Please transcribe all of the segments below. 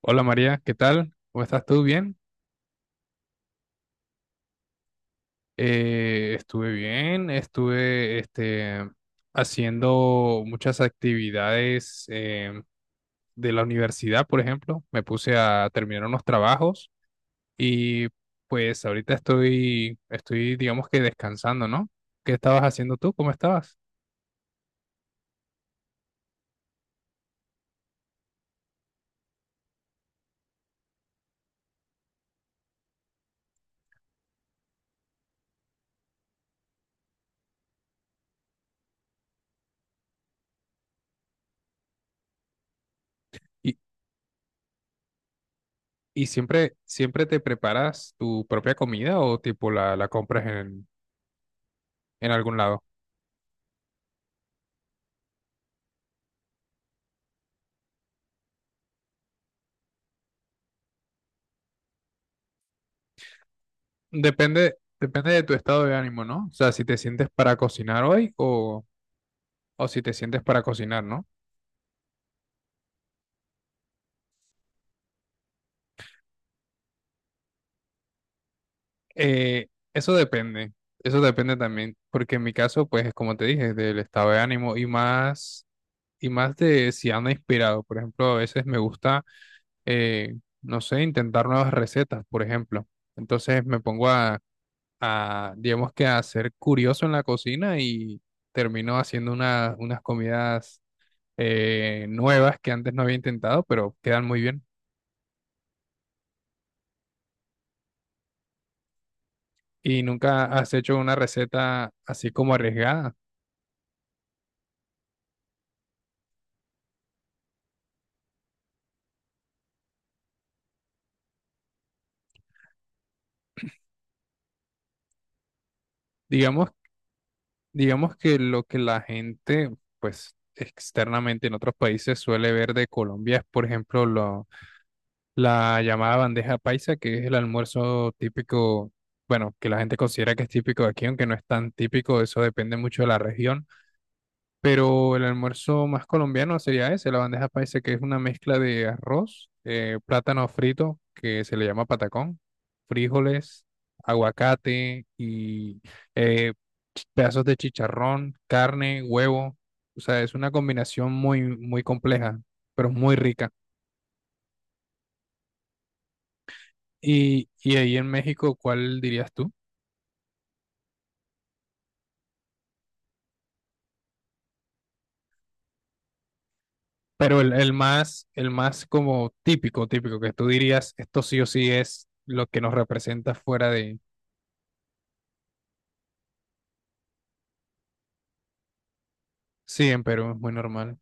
Hola María, ¿qué tal? ¿Cómo estás tú? ¿Bien? Estuve bien, estuve haciendo muchas actividades de la universidad, por ejemplo. Me puse a terminar unos trabajos y pues ahorita estoy digamos que descansando, ¿no? ¿Qué estabas haciendo tú? ¿Cómo estabas? ¿Y, ¿y siempre te preparas tu propia comida o tipo la compras en algún lado? Depende, depende de tu estado de ánimo, ¿no? O sea, si te sientes para cocinar o si te sientes para cocinar, ¿no? Eh, eso depende, eso depende también, porque en mi caso, pues, es como te dije, del estado de ánimo y y más de si ando inspirado. Por ejemplo, a veces me gusta, eh, no sé, intentar nuevas recetas, por ejemplo. Entonces me pongo a digamos que a ser curioso en la cocina y termino haciendo unas comidas nuevas que antes no había intentado, pero quedan muy bien. Y nunca has hecho una receta así como arriesgada. Digamos, digamos que lo que la gente, pues externamente en otros países suele ver de Colombia es, por ejemplo, la llamada bandeja paisa, que es el almuerzo típico, bueno, que la gente considera que es típico de aquí, aunque no es tan típico, eso depende mucho de la región. Pero el almuerzo más colombiano sería ese, la bandeja paisa, que es una mezcla de arroz, plátano frito, que se le llama patacón, frijoles, aguacate y eh, pedazos de chicharrón, carne, huevo. O sea, es una combinación muy, muy compleja, pero muy rica. Y ahí en México, ¿cuál dirías tú? Pero el más como típico, típico, que tú dirías, esto sí o sí es lo que nos representa fuera de. Sí, en Perú es muy normal.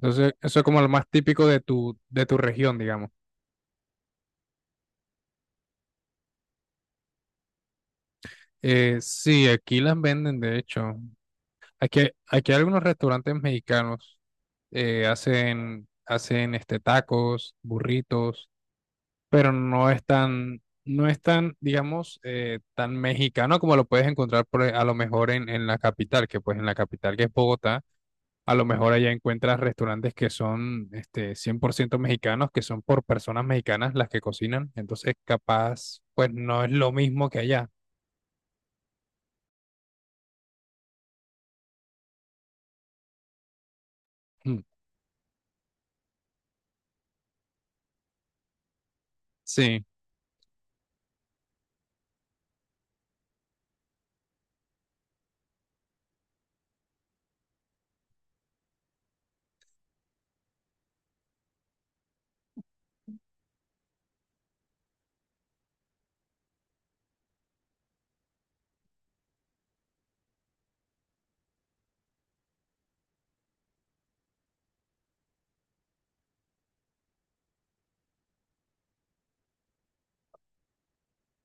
Entonces, eso es como lo más típico de de tu región, digamos. Sí, aquí las venden, de hecho. Aquí hay algunos restaurantes mexicanos hacen este, tacos, burritos, pero no es tan, no es tan, digamos, tan mexicano como lo puedes encontrar por, a lo mejor en la capital, que pues en la capital que es Bogotá. A lo mejor allá encuentras restaurantes que son este, 100% mexicanos, que son por personas mexicanas las que cocinan. Entonces, capaz, pues no es lo mismo que allá. Mm. Sí,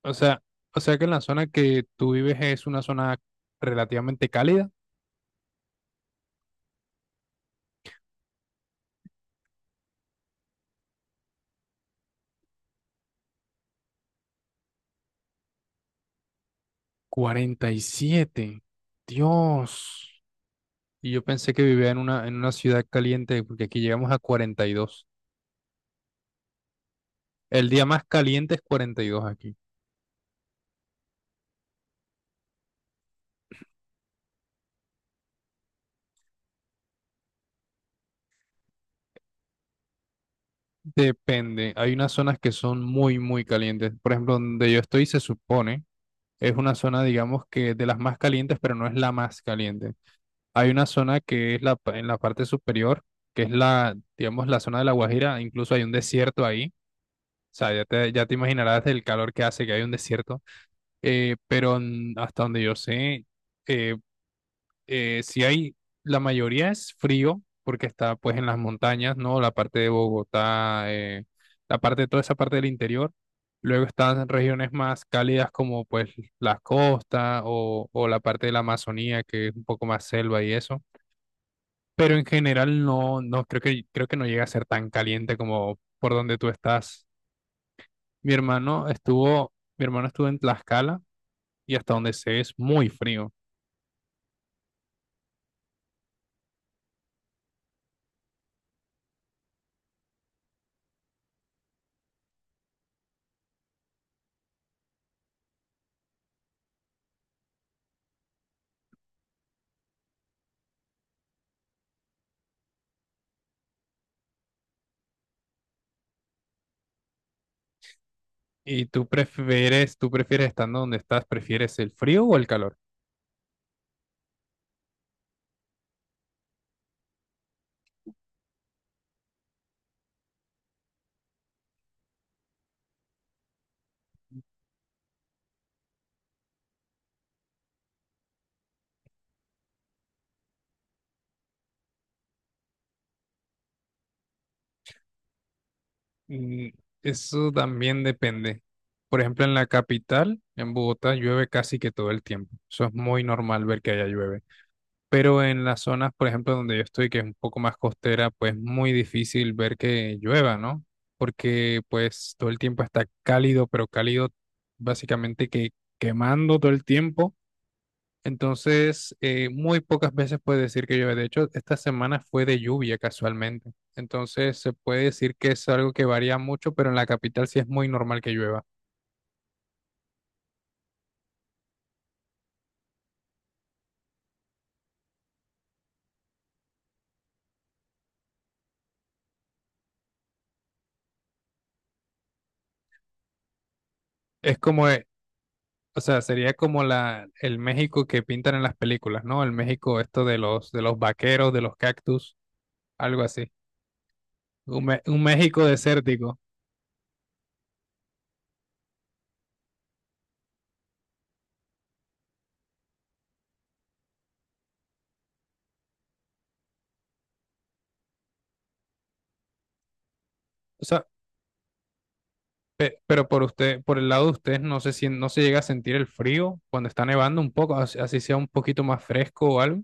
o sea, o sea que en la zona que tú vives es una zona relativamente cálida. Cuarenta y siete. Dios. Y yo pensé que vivía en una ciudad caliente, porque aquí llegamos a 42. El día más caliente es 42 aquí. Depende, hay unas zonas que son muy, muy calientes. Por ejemplo, donde yo estoy se supone, es una zona, digamos que de las más calientes, pero no es la más caliente. Hay una zona que es la, en la parte superior, que es la, digamos, la zona de La Guajira, incluso hay un desierto ahí. O sea, ya ya te imaginarás el calor que hace que hay un desierto. Pero hasta donde yo sé, eh, sí hay, la mayoría es frío porque está pues en las montañas, ¿no? La parte de Bogotá, la parte, toda esa parte del interior. Luego están regiones más cálidas como pues las costas, o la parte de la Amazonía que es un poco más selva y eso. Pero en general no, no creo que, creo que no llega a ser tan caliente como por donde tú estás. Mi hermano estuvo en Tlaxcala y hasta donde sé es muy frío. ¿Y tú prefieres estando donde estás, prefieres el frío o el calor? Mm. Eso también depende. Por ejemplo, en la capital, en Bogotá, llueve casi que todo el tiempo. Eso es muy normal ver que haya llueve. Pero en las zonas, por ejemplo, donde yo estoy, que es un poco más costera, pues muy difícil ver que llueva, ¿no? Porque pues todo el tiempo está cálido, pero cálido básicamente que quemando todo el tiempo. Entonces, muy pocas veces puede decir que llueve. De hecho, esta semana fue de lluvia casualmente. Entonces, se puede decir que es algo que varía mucho, pero en la capital sí es muy normal que llueva. Es como, o sea, sería como el México que pintan en las películas, ¿no? El México esto de de los vaqueros, de los cactus, algo así. Un México desértico. O sea, pero por usted, por el lado de ustedes, no se llega a sentir el frío cuando está nevando un poco, así así sea un poquito más fresco o algo.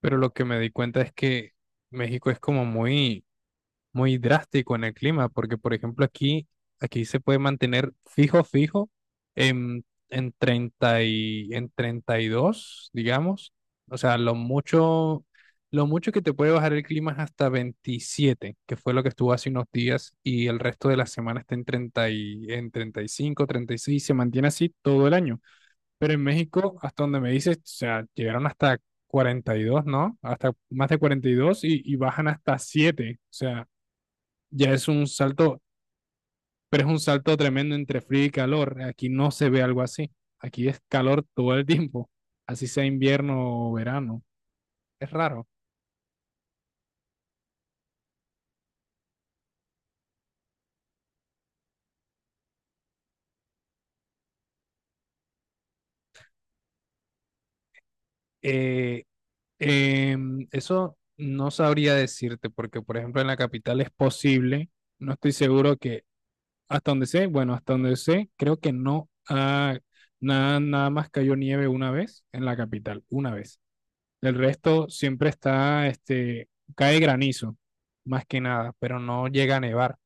Pero lo que me di cuenta es que México es como muy, muy drástico en el clima, porque por ejemplo aquí, aquí se puede mantener fijo, fijo en 30 en 32 digamos. O sea, lo mucho que te puede bajar el clima es hasta 27 que fue lo que estuvo hace unos días, y el resto de la semana está en 30 en 35, 36 se mantiene así todo el año. Pero en México, hasta donde me dices, o sea, llegaron hasta 42, ¿no? Hasta más de cuarenta y dos y bajan hasta 7. O sea, ya es un salto, pero es un salto tremendo entre frío y calor. Aquí no se ve algo así. Aquí es calor todo el tiempo, así sea invierno o verano. Es raro. Eh, eso no sabría decirte, porque por ejemplo en la capital es posible, no estoy seguro que. Hasta donde sé, bueno, hasta donde sé, creo que no ha, nada, nada más cayó nieve una vez en la capital, una vez. El resto siempre está, cae granizo, más que nada, pero no llega a nevar.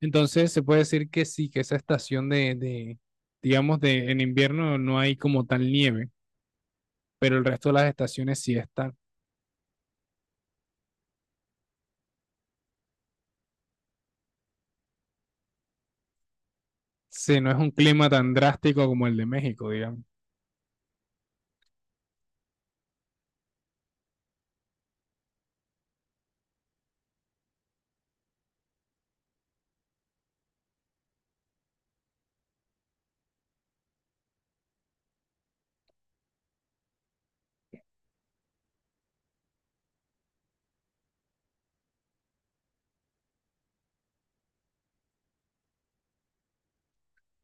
Entonces se puede decir que sí, que esa estación de, digamos, de en invierno no hay como tal nieve, pero el resto de las estaciones sí están. Sí, no es un clima tan drástico como el de México, digamos.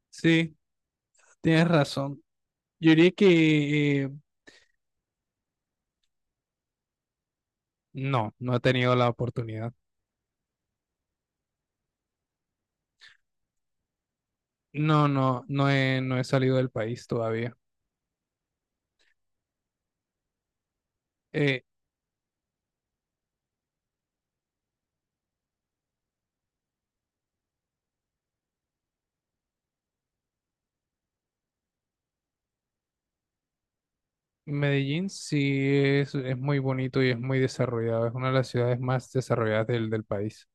Sí, tienes razón. Yo diría que no, no he tenido la oportunidad. No, no, no he salido del país todavía. Eh, Medellín sí es muy bonito y es muy desarrollado. Es una de las ciudades más desarrolladas del país.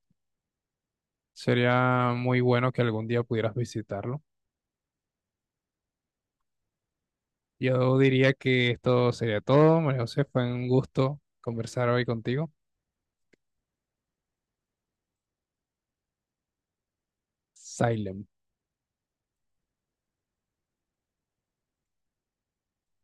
Sería muy bueno que algún día pudieras visitarlo. Yo diría que esto sería todo. María José, fue un gusto conversar hoy contigo. Silent.